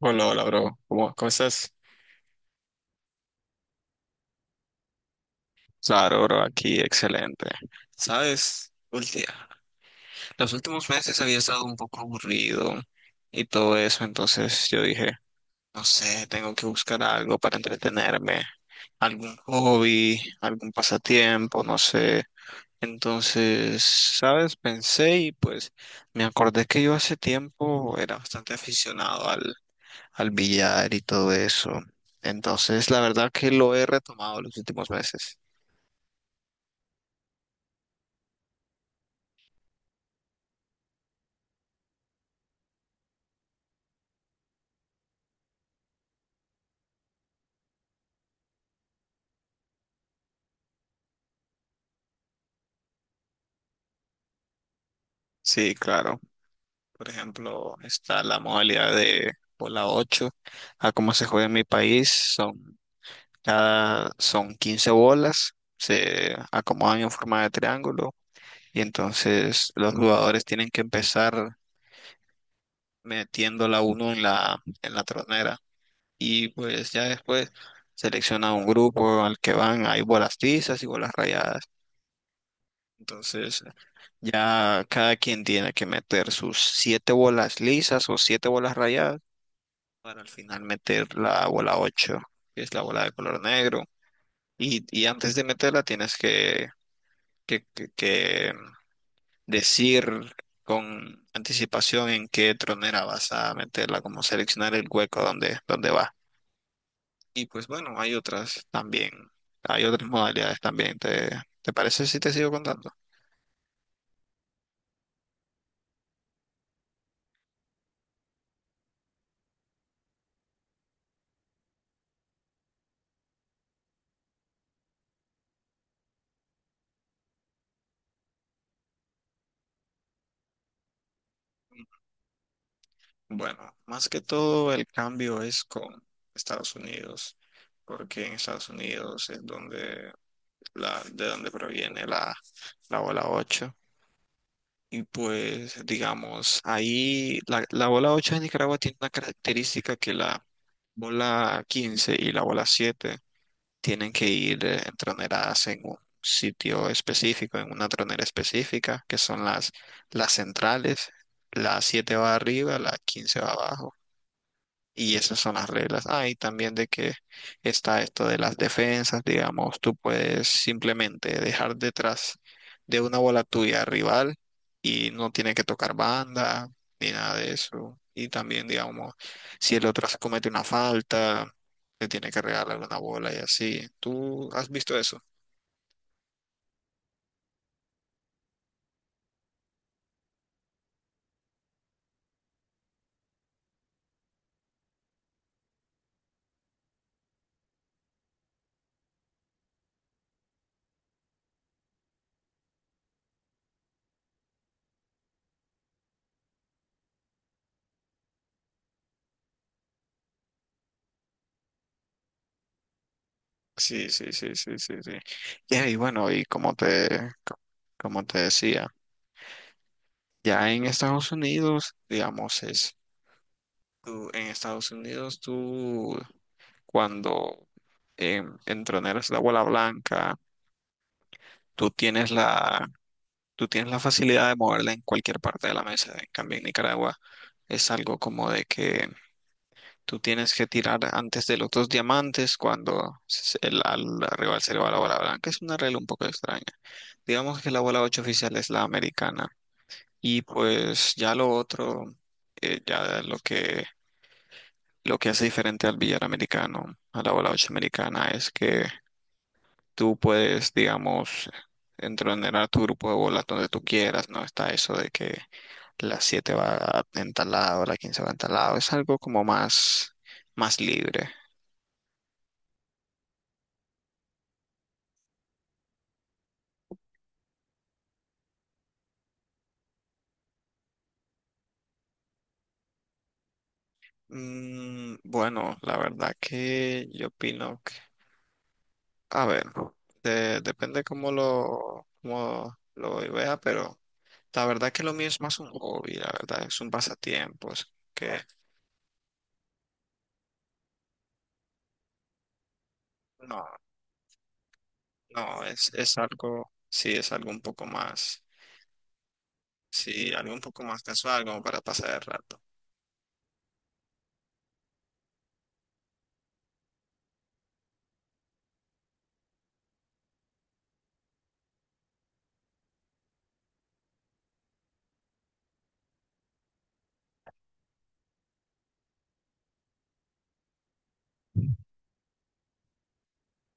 Hola, hola, bro. ¿Cómo estás? Claro, bro, aquí, excelente. Sabes, los últimos meses había estado un poco aburrido y todo eso, entonces yo dije, no sé, tengo que buscar algo para entretenerme, algún hobby, algún pasatiempo, no sé. Entonces, sabes, pensé y pues me acordé que yo hace tiempo era bastante aficionado al billar y todo eso. Entonces, la verdad que lo he retomado los últimos meses. Sí, claro. Por ejemplo, está la modalidad de bola 8 a cómo se juega en mi país, son son 15 bolas, se acomodan en forma de triángulo y entonces los jugadores tienen que empezar metiendo la uno en la tronera y pues ya después selecciona un grupo al que van, hay bolas tizas y bolas rayadas. Entonces, ya cada quien tiene que meter sus siete bolas lisas o siete bolas rayadas para al final meter la bola 8 que es la bola de color negro. Y antes de meterla tienes que decir con anticipación en qué tronera vas a meterla, como seleccionar el hueco donde va. Y pues bueno, hay otras modalidades también. Te parece si te sigo contando? Bueno, más que todo el cambio es con Estados Unidos, porque en Estados Unidos es donde de donde proviene la bola ocho. Y pues, digamos, ahí la bola 8 de Nicaragua tiene una característica que la bola 15 y la bola 7 tienen que ir entroneradas en un sitio específico, en una tronera específica, que son las centrales. La 7 va arriba, la 15 va abajo y esas son las reglas. Ah, y también de que está esto de las defensas, digamos, tú puedes simplemente dejar detrás de una bola tuya al rival y no tiene que tocar banda ni nada de eso. Y también, digamos, si el otro se comete una falta, le tiene que regalar una bola y así. ¿Tú has visto eso? Sí, sí, sí, sí, sí, sí. Ya, y bueno, y como te decía, ya en Estados Unidos, digamos, es tú, en Estados Unidos, tú cuando entroneras la bola blanca, tú tienes la, tú tienes la facilidad de moverla en cualquier parte de la mesa. En cambio, en Nicaragua es algo como de que tú tienes que tirar antes de los dos diamantes cuando al rival se le va la bola blanca. Es una regla un poco extraña. Digamos que la bola ocho oficial es la americana. Y pues ya lo otro. eh, ya lo que Lo que hace diferente al billar americano, a la bola 8 americana, es que tú puedes, digamos, entrenar tu grupo de bolas donde tú quieras, no está eso de que la 7 va en tal lado, la 15 va en tal lado, es algo como más libre. Bueno, la verdad que yo opino que, a ver, depende cómo lo vea, pero la verdad que lo mío es más un hobby, la verdad, es un pasatiempo, es que no. No, es algo, sí, es algo un poco más, sí, algo un poco más casual, como para pasar el rato.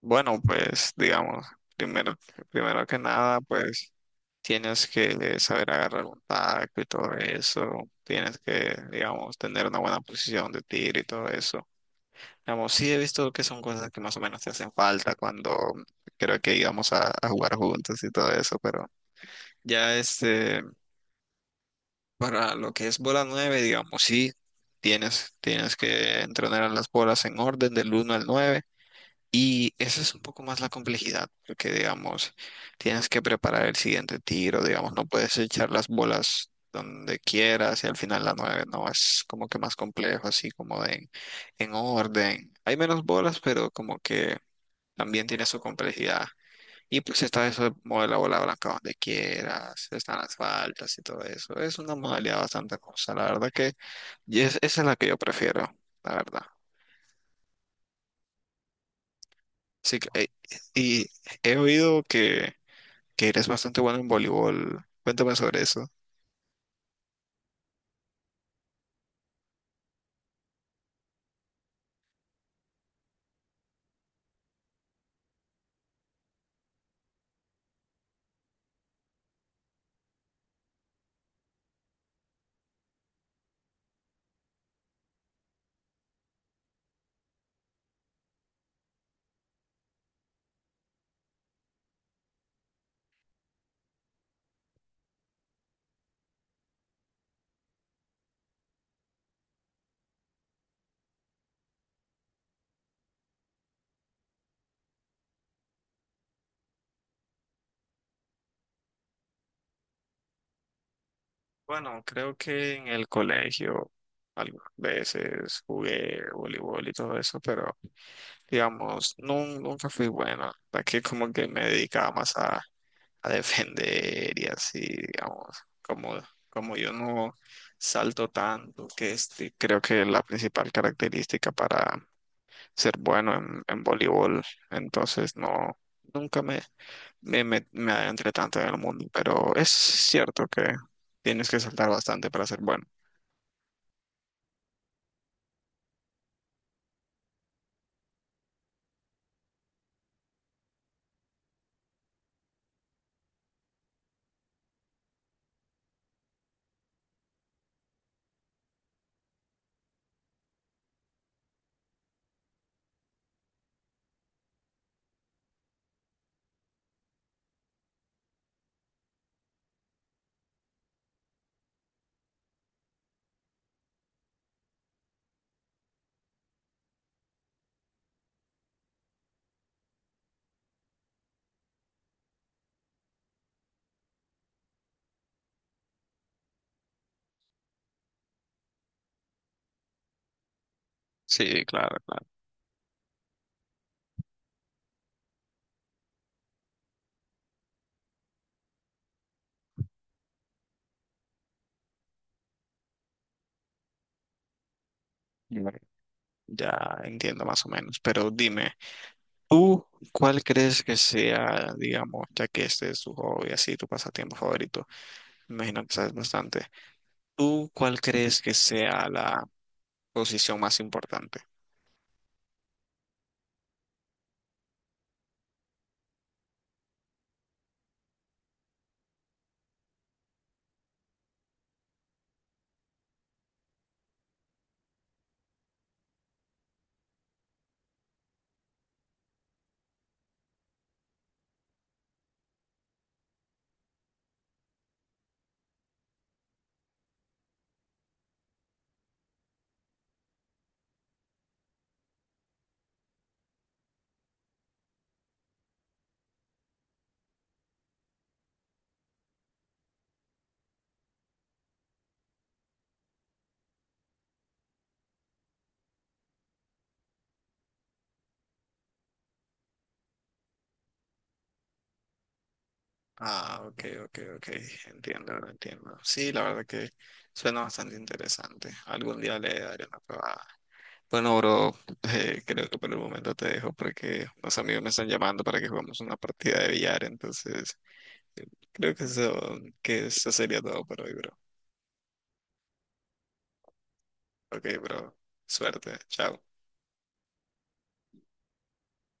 Bueno, pues, digamos, primero, primero que nada, pues, tienes que saber agarrar un taco y todo eso. Tienes que, digamos, tener una buena posición de tiro y todo eso. Digamos, sí he visto que son cosas que más o menos te hacen falta cuando creo que íbamos a jugar juntos y todo eso, pero ya este. Para lo que es bola 9 digamos, sí, tienes que entrenar a las bolas en orden del uno al 9 y esa es un poco más la complejidad, porque digamos, tienes que preparar el siguiente tiro, digamos, no puedes echar las bolas donde quieras y al final la 9 no, es como que más complejo, así como de en orden. Hay menos bolas, pero como que también tiene su complejidad. Y pues está eso de mover la bola blanca donde quieras, están las faltas y todo eso. Es una modalidad bastante cosa, la verdad que y esa es la que yo prefiero, la verdad. Sí, y he oído que eres bastante bueno en voleibol. Cuéntame sobre eso. Bueno, creo que en el colegio algunas veces jugué voleibol y todo eso, pero digamos, nunca fui buena. Aquí como que me dedicaba más a defender y así, digamos, como yo no salto tanto, que este, creo que es la principal característica para ser bueno en voleibol, entonces no, nunca me adentré tanto en el mundo, pero es cierto que tienes que saltar bastante para ser bueno. Sí, claro, claro. Ya, ya entiendo más o menos, pero dime, ¿tú cuál crees que sea, digamos, ya que este es tu hobby, así tu pasatiempo favorito? Me imagino que sabes bastante. ¿Tú cuál crees que sea la posición más importante? Ah, ok, ok, ok. Entiendo, entiendo. Sí, la verdad que suena bastante interesante. Algún día le daré una probada. Bueno, bro, creo que por el momento te dejo porque unos amigos me están llamando para que juguemos una partida de billar. Entonces, eh, creo que eso sería todo por hoy, bro. Ok, bro. Suerte. Chao.